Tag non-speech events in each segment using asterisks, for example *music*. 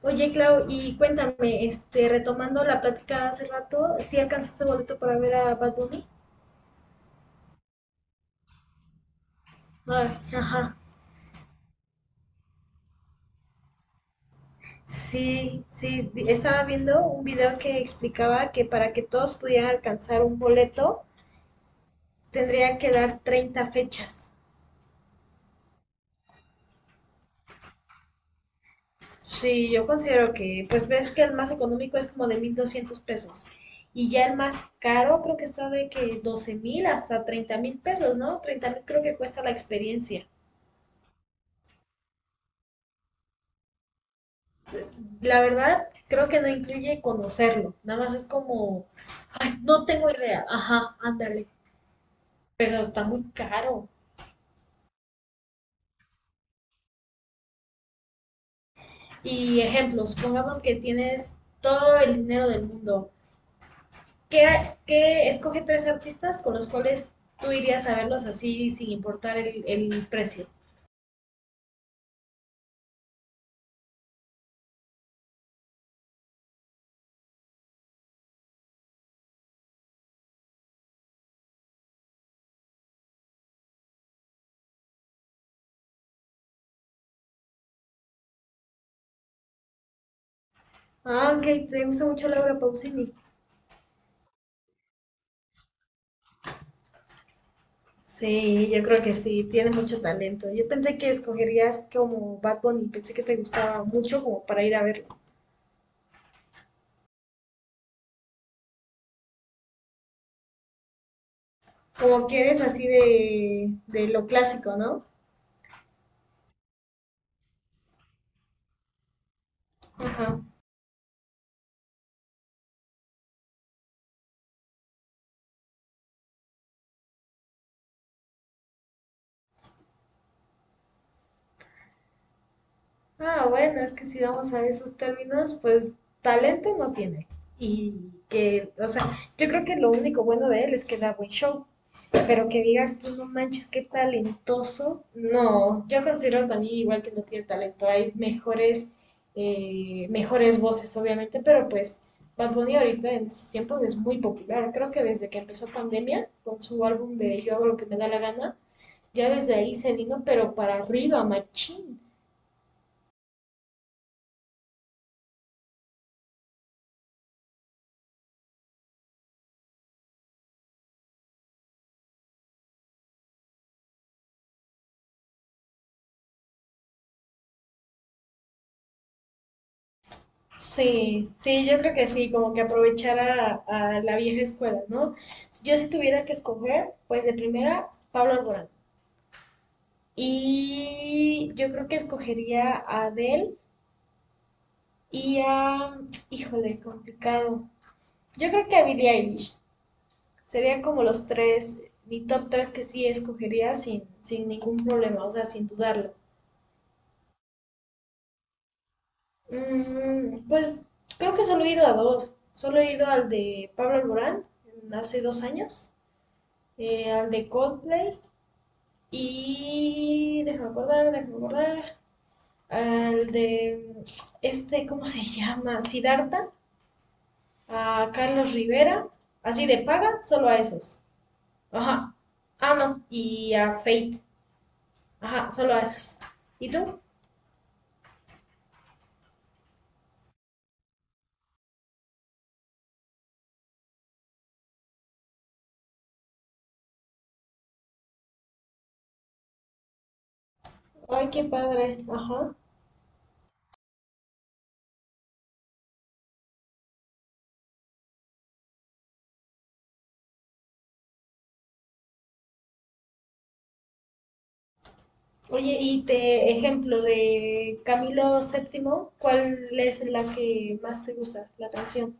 Oye, Clau, y cuéntame, retomando la plática de hace rato, ¿sí alcanzaste boleto para ver a Bad Bunny? Ay, ajá. Sí, sí, estaba viendo un video que explicaba que para que todos pudieran alcanzar un boleto, tendría que dar 30 fechas. Sí, yo considero que, pues ves que el más económico es como de 1,200 pesos. Y ya el más caro creo que está de que 12,000 hasta 30,000 pesos, ¿no? 30,000 creo que cuesta la experiencia. La verdad, creo que no incluye conocerlo. Nada más es como, no tengo idea. Ajá, ándale. Pero está muy caro. Y ejemplo, supongamos que tienes todo el dinero del mundo. ¿Qué, qué escoge tres artistas con los cuales tú irías a verlos así sin importar el precio? Ah, ok, te gusta mucho Laura Pausini. Sí, yo creo que sí, tiene mucho talento. Yo pensé que escogerías como Bad Bunny, pensé que te gustaba mucho como para ir a verlo. Como que eres así de, lo clásico, ¿no? Ajá. Ah, bueno, es que si vamos a esos términos, pues talento no tiene. Y que, o sea, yo creo que lo único bueno de él es que da buen show. Pero que digas tú, no manches, qué talentoso. No, yo considero también igual que no tiene talento. Hay mejores, mejores voces, obviamente, pero pues Bad Bunny ahorita en estos tiempos es muy popular. Creo que desde que empezó pandemia, con su álbum de Yo hago lo que me da la gana, ya desde ahí se vino, pero para arriba, machín. Sí, sí, yo creo que sí, como que aprovechar a, la vieja escuela, ¿no? Yo si tuviera que escoger, pues de primera, Pablo Alborán. Y yo creo que escogería a Adele y a... Híjole, complicado. Yo creo que a Billie Eilish. Serían como los tres, mi top tres que sí escogería sin ningún problema, o sea, sin dudarlo. Pues creo que solo he ido a dos. Solo he ido al de Pablo Alborán, hace 2 años, al de Coldplay y déjame acordar, al de ¿cómo se llama? Siddhartha, a Carlos Rivera, así de paga, solo a esos. Ajá. Ah, no, y a Fate. Ajá, solo a esos. ¿Y tú? Ay, qué padre. Ajá. Oye, y te ejemplo de Camilo Séptimo, ¿cuál es la que más te gusta, la canción?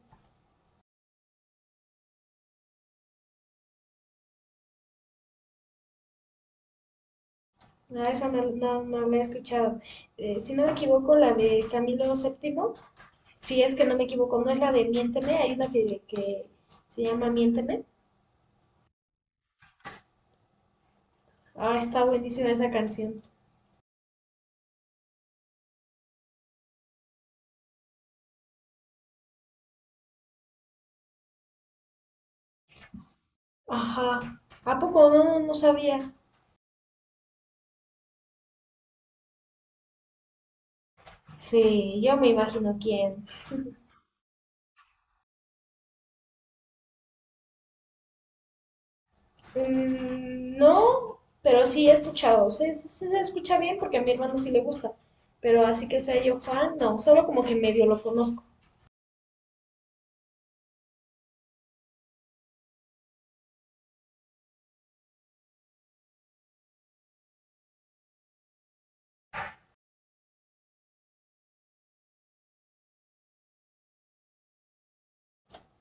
No, esa no, no la he escuchado. Si no me equivoco, la de Camilo Séptimo, si es que no me equivoco, no es la de Miénteme, hay una que se llama Miénteme. Ah, está buenísima esa canción. Ajá. ¿A poco no sabía? Sí, yo me imagino quién. No, pero sí he escuchado. Se escucha bien porque a mi hermano sí le gusta. Pero así que sea yo fan, no, solo como que medio lo conozco.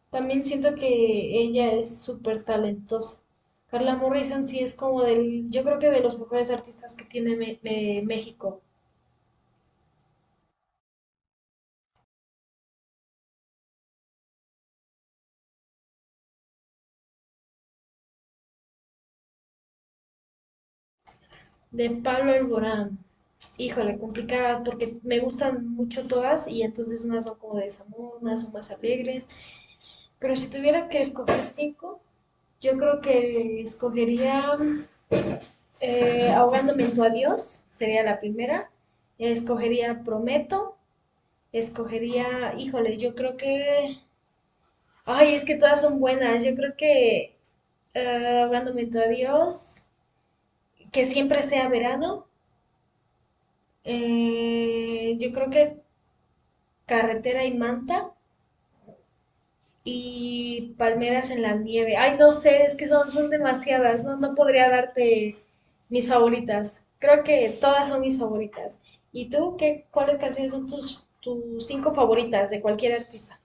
También siento que ella es súper talentosa. Carla Morrison sí es como del, yo creo que de los mejores artistas que tiene México. De Pablo Alborán. Híjole, complicada porque me gustan mucho todas y entonces unas son como de desamor, unas son más alegres. Pero si tuviera que escoger cinco, yo creo que escogería. Ahogándome en tu adiós sería la primera. Escogería Prometo. Escogería, híjole, yo creo que... Ay, es que todas son buenas. Yo creo que ahogándome en tu adiós, que siempre sea verano. Yo creo que Carretera y Manta. Y Palmeras en la Nieve. Ay, no sé, es que son demasiadas, no podría darte mis favoritas. Creo que todas son mis favoritas. ¿Y tú qué, cuáles canciones son tus cinco favoritas de cualquier artista?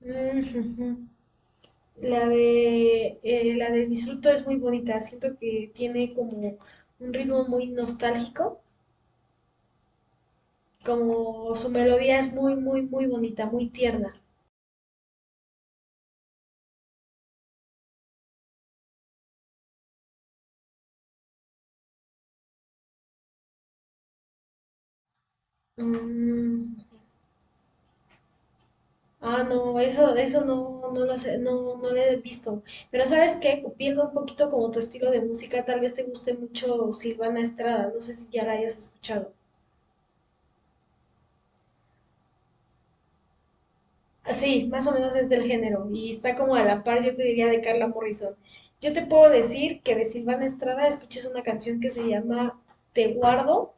Mm. *laughs* La de Disfruto es muy bonita, siento que tiene como un ritmo muy nostálgico, como su melodía es muy, muy, muy bonita, muy tierna. Mm. Ah, no, eso no, lo sé, no lo he visto. Pero ¿sabes qué? Viendo un poquito como tu estilo de música, tal vez te guste mucho Silvana Estrada. No sé si ya la hayas escuchado. Ah, sí, más o menos es del género y está como a la par, yo te diría, de Carla Morrison. Yo te puedo decir que de Silvana Estrada escuches una canción que se llama Te guardo.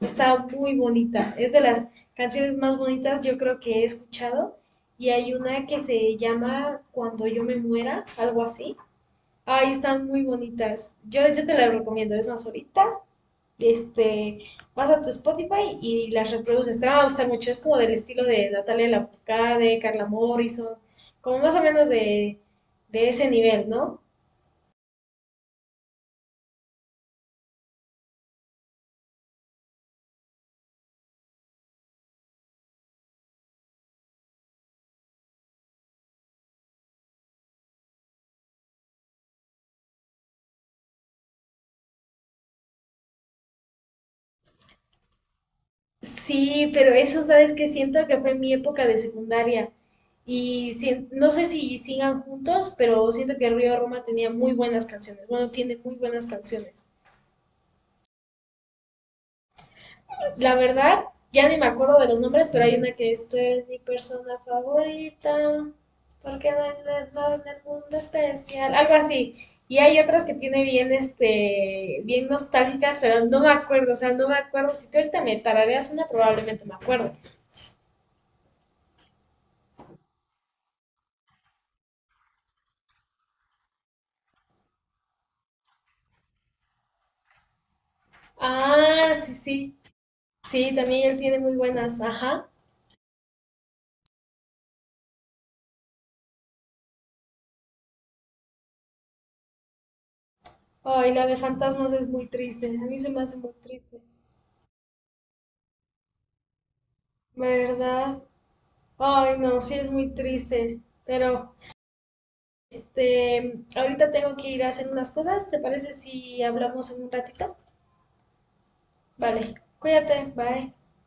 Está muy bonita. Es de las canciones más bonitas yo creo que he escuchado. Y hay una que se llama Cuando yo me muera, algo así. Ay, están muy bonitas. Yo te las recomiendo. Es más, ahorita, este, vas a tu Spotify y las reproduces. Te van a gustar mucho. Es como del estilo de Natalia Lafourcade, Carla Morrison, como más o menos de, ese nivel, ¿no? Sí, pero eso, ¿sabes que siento que fue mi época de secundaria. Y no sé si sigan juntos, pero siento que Río Roma tenía muy buenas canciones. Bueno, tiene muy buenas canciones. La verdad, ya ni me acuerdo de los nombres, pero hay una que esto es mi persona favorita, porque no hay nada en el mundo especial, algo así. Y hay otras que tiene bien nostálgicas, pero no me acuerdo, o sea, no me acuerdo. Si tú ahorita me tarareas una, probablemente me acuerdo. Ah, sí, sí. Sí, también él tiene muy buenas, ajá. Ay, la de fantasmas es muy triste, a mí se me hace muy triste, ¿verdad? Ay, no, sí es muy triste, pero ahorita tengo que ir a hacer unas cosas. ¿Te parece si hablamos en un ratito? Vale, cuídate, bye.